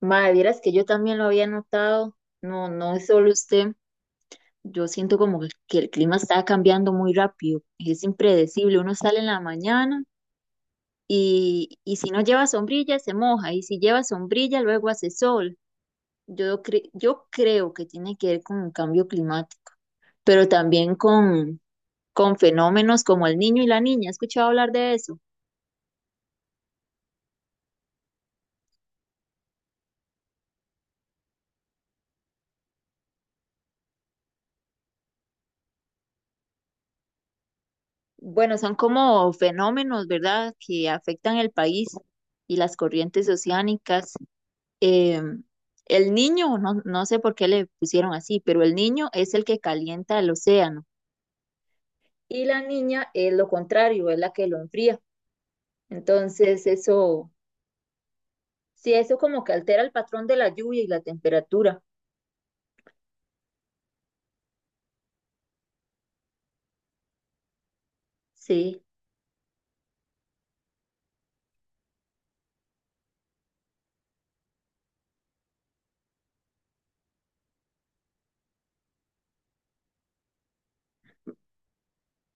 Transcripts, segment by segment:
Madre, vieras que yo también lo había notado. No, no es solo usted. Yo siento como que el clima está cambiando muy rápido. Es impredecible. Uno sale en la mañana y si no lleva sombrilla se moja. Y si lleva sombrilla luego hace sol. Yo creo que tiene que ver con el cambio climático, pero también con fenómenos como el niño y la niña. ¿He escuchado hablar de eso? Bueno, son como fenómenos, ¿verdad?, que afectan el país y las corrientes oceánicas. Eh, el niño, no, no sé por qué le pusieron así, pero el niño es el que calienta el océano y la niña es lo contrario, es la que lo enfría. Entonces, eso, sí, eso como que altera el patrón de la lluvia y la temperatura. Sí,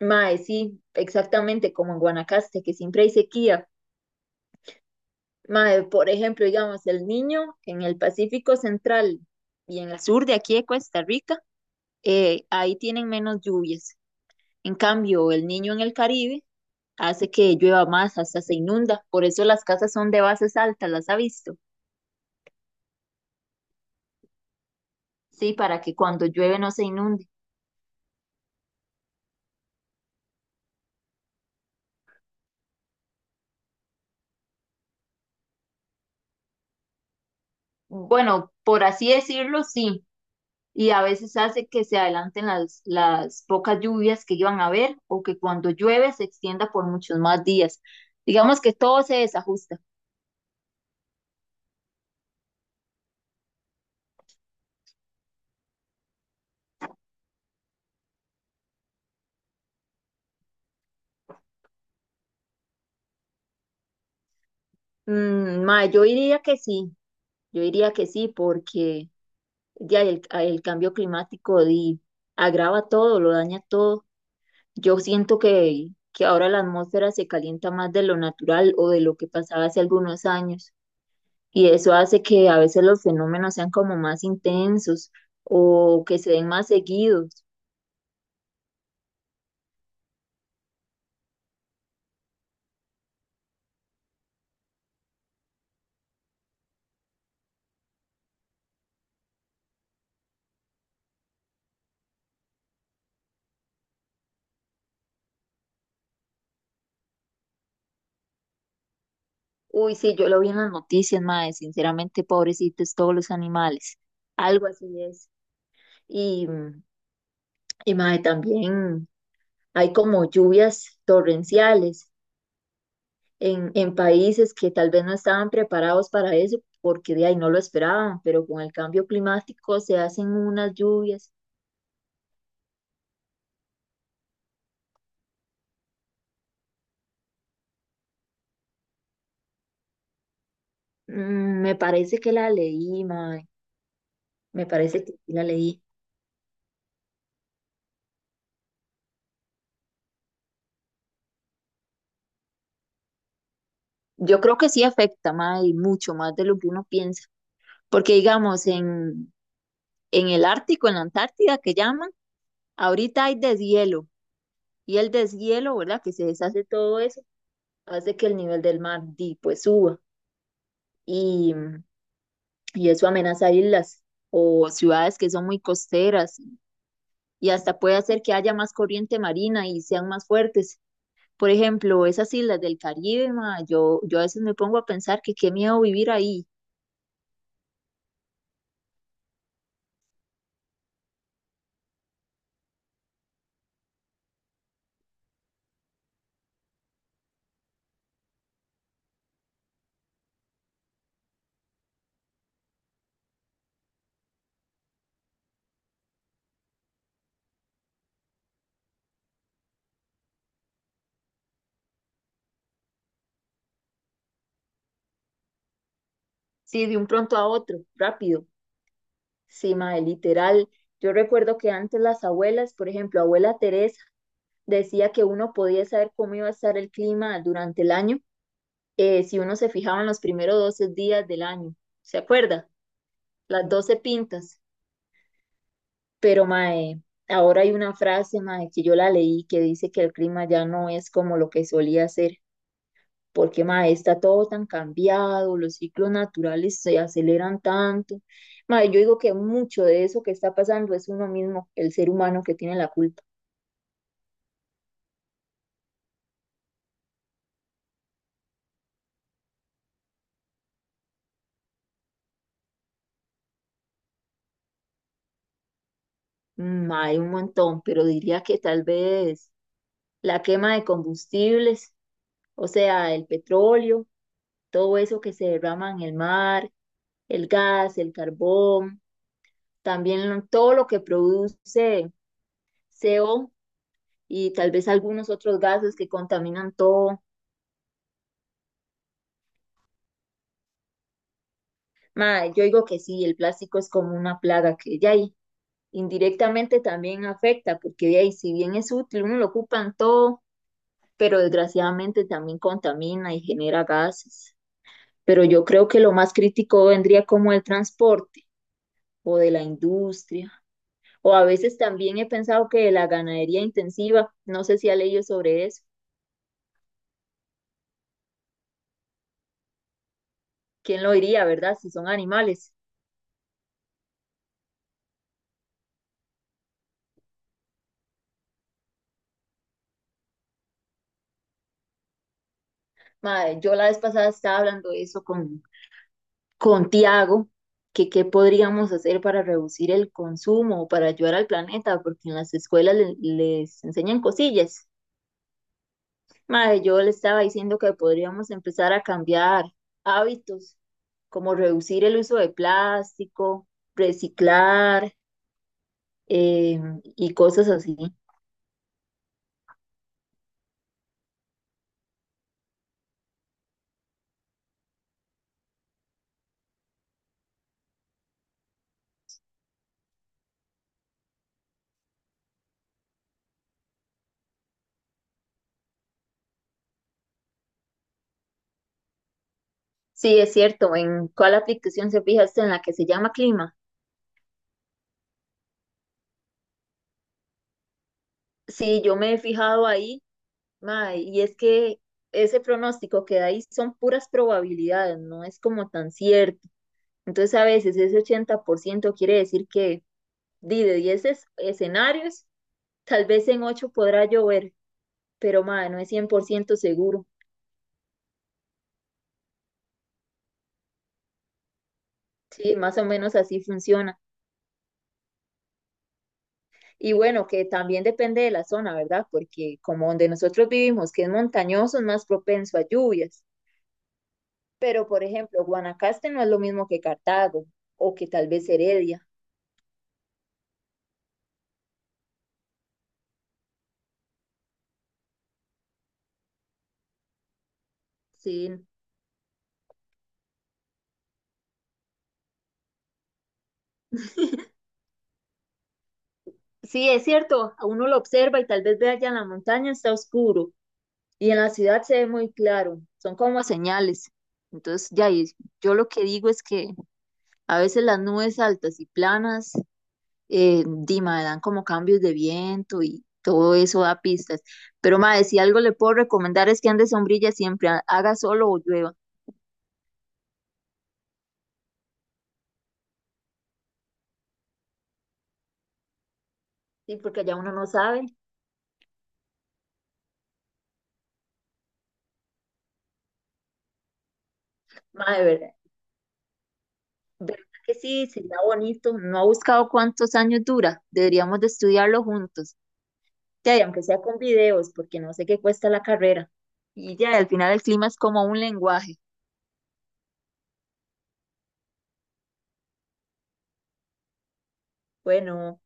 mae, sí, exactamente como en Guanacaste, que siempre hay sequía. Mae, por ejemplo, digamos, el niño en el Pacífico Central y en el sur de aquí de Costa Rica, ahí tienen menos lluvias. En cambio, el niño en el Caribe hace que llueva más, hasta se inunda. Por eso las casas son de bases altas, ¿las ha visto? Sí, para que cuando llueve no se inunde. Bueno, por así decirlo, sí. Y a veces hace que se adelanten las pocas lluvias que iban a haber o que cuando llueve se extienda por muchos más días. Digamos que todo se desajusta. Ma, yo diría que sí, yo diría que sí, porque ya el cambio climático di, agrava todo, lo daña todo. Yo siento que ahora la atmósfera se calienta más de lo natural o de lo que pasaba hace algunos años y eso hace que a veces los fenómenos sean como más intensos o que se den más seguidos. Uy, sí, yo lo vi en las noticias, mae, sinceramente, pobrecitos todos los animales. Algo así es. Y, y mae, también hay como lluvias torrenciales en países que tal vez no estaban preparados para eso, porque de ahí no lo esperaban, pero con el cambio climático se hacen unas lluvias. Me parece que la leí, mae, me parece que sí la leí. Yo creo que sí afecta, mae, y mucho más de lo que uno piensa, porque digamos, en el Ártico, en la Antártida, que llaman, ahorita hay deshielo, y el deshielo, ¿verdad? Que se deshace todo eso, hace que el nivel del mar, di, pues suba. y y eso amenaza islas o ciudades que son muy costeras y hasta puede hacer que haya más corriente marina y sean más fuertes. Por ejemplo, esas islas del Caribe, ma, yo a veces me pongo a pensar que qué miedo vivir ahí, sí, de un pronto a otro, rápido, sí, ma, literal. Yo recuerdo que antes las abuelas, por ejemplo, abuela Teresa, decía que uno podía saber cómo iba a estar el clima durante el año, si uno se fijaba en los primeros 12 días del año. ¿Se acuerda? Las 12 pintas. Pero, mae, ahora hay una frase, mae, que yo la leí que dice que el clima ya no es como lo que solía ser, porque, mae, está todo tan cambiado, los ciclos naturales se aceleran tanto. Mae, yo digo que mucho de eso que está pasando es uno mismo, el ser humano que tiene la culpa. Mae, un montón, pero diría que tal vez la quema de combustibles, o sea, el petróleo, todo eso que se derrama en el mar, el gas, el carbón. También todo lo que produce CO y tal vez algunos otros gases que contaminan todo. Ma, yo digo que sí, el plástico es como una plaga que ya ahí indirectamente también afecta, porque de ahí si bien es útil, uno lo ocupa en todo, pero desgraciadamente también contamina y genera gases. Pero yo creo que lo más crítico vendría como el transporte o de la industria. O a veces también he pensado que de la ganadería intensiva, no sé si ha leído sobre eso. ¿Quién lo diría, verdad? Si son animales. Madre, yo la vez pasada estaba hablando de eso con Tiago, que qué podríamos hacer para reducir el consumo o para ayudar al planeta, porque en las escuelas les enseñan cosillas. Madre, yo le estaba diciendo que podríamos empezar a cambiar hábitos, como reducir el uso de plástico, reciclar, eh, y cosas así. Sí, es cierto. ¿En cuál aplicación se fija usted? ¿En la que se llama Clima? Sí, yo me he fijado ahí, mae, y es que ese pronóstico que da ahí son puras probabilidades, no es como tan cierto. Entonces a veces ese 80% quiere decir que di, de 10 escenarios, tal vez en 8 podrá llover, pero mae, no es 100% seguro. Sí, más o menos así funciona. Y bueno, que también depende de la zona, ¿verdad? Porque como donde nosotros vivimos, que es montañoso, es más propenso a lluvias. Pero, por ejemplo, Guanacaste no es lo mismo que Cartago o que tal vez Heredia. Sí, sí, es cierto, a uno lo observa y tal vez ve allá en la montaña está oscuro y en la ciudad se ve muy claro, son como señales. Entonces, ya, y yo lo que digo es que a veces las nubes altas y planas, Dima, dan como cambios de viento y todo eso da pistas. Pero, madre, si algo le puedo recomendar es que ande sombrilla siempre, haga solo o llueva. Sí, porque allá uno no sabe. Madre, ¿verdad? ¿Verdad que sí? Sería bonito. No ha buscado cuántos años dura. Deberíamos de estudiarlo juntos. Ya, y aunque sea con videos, porque no sé qué cuesta la carrera. Y ya, al final el clima es como un lenguaje. Bueno,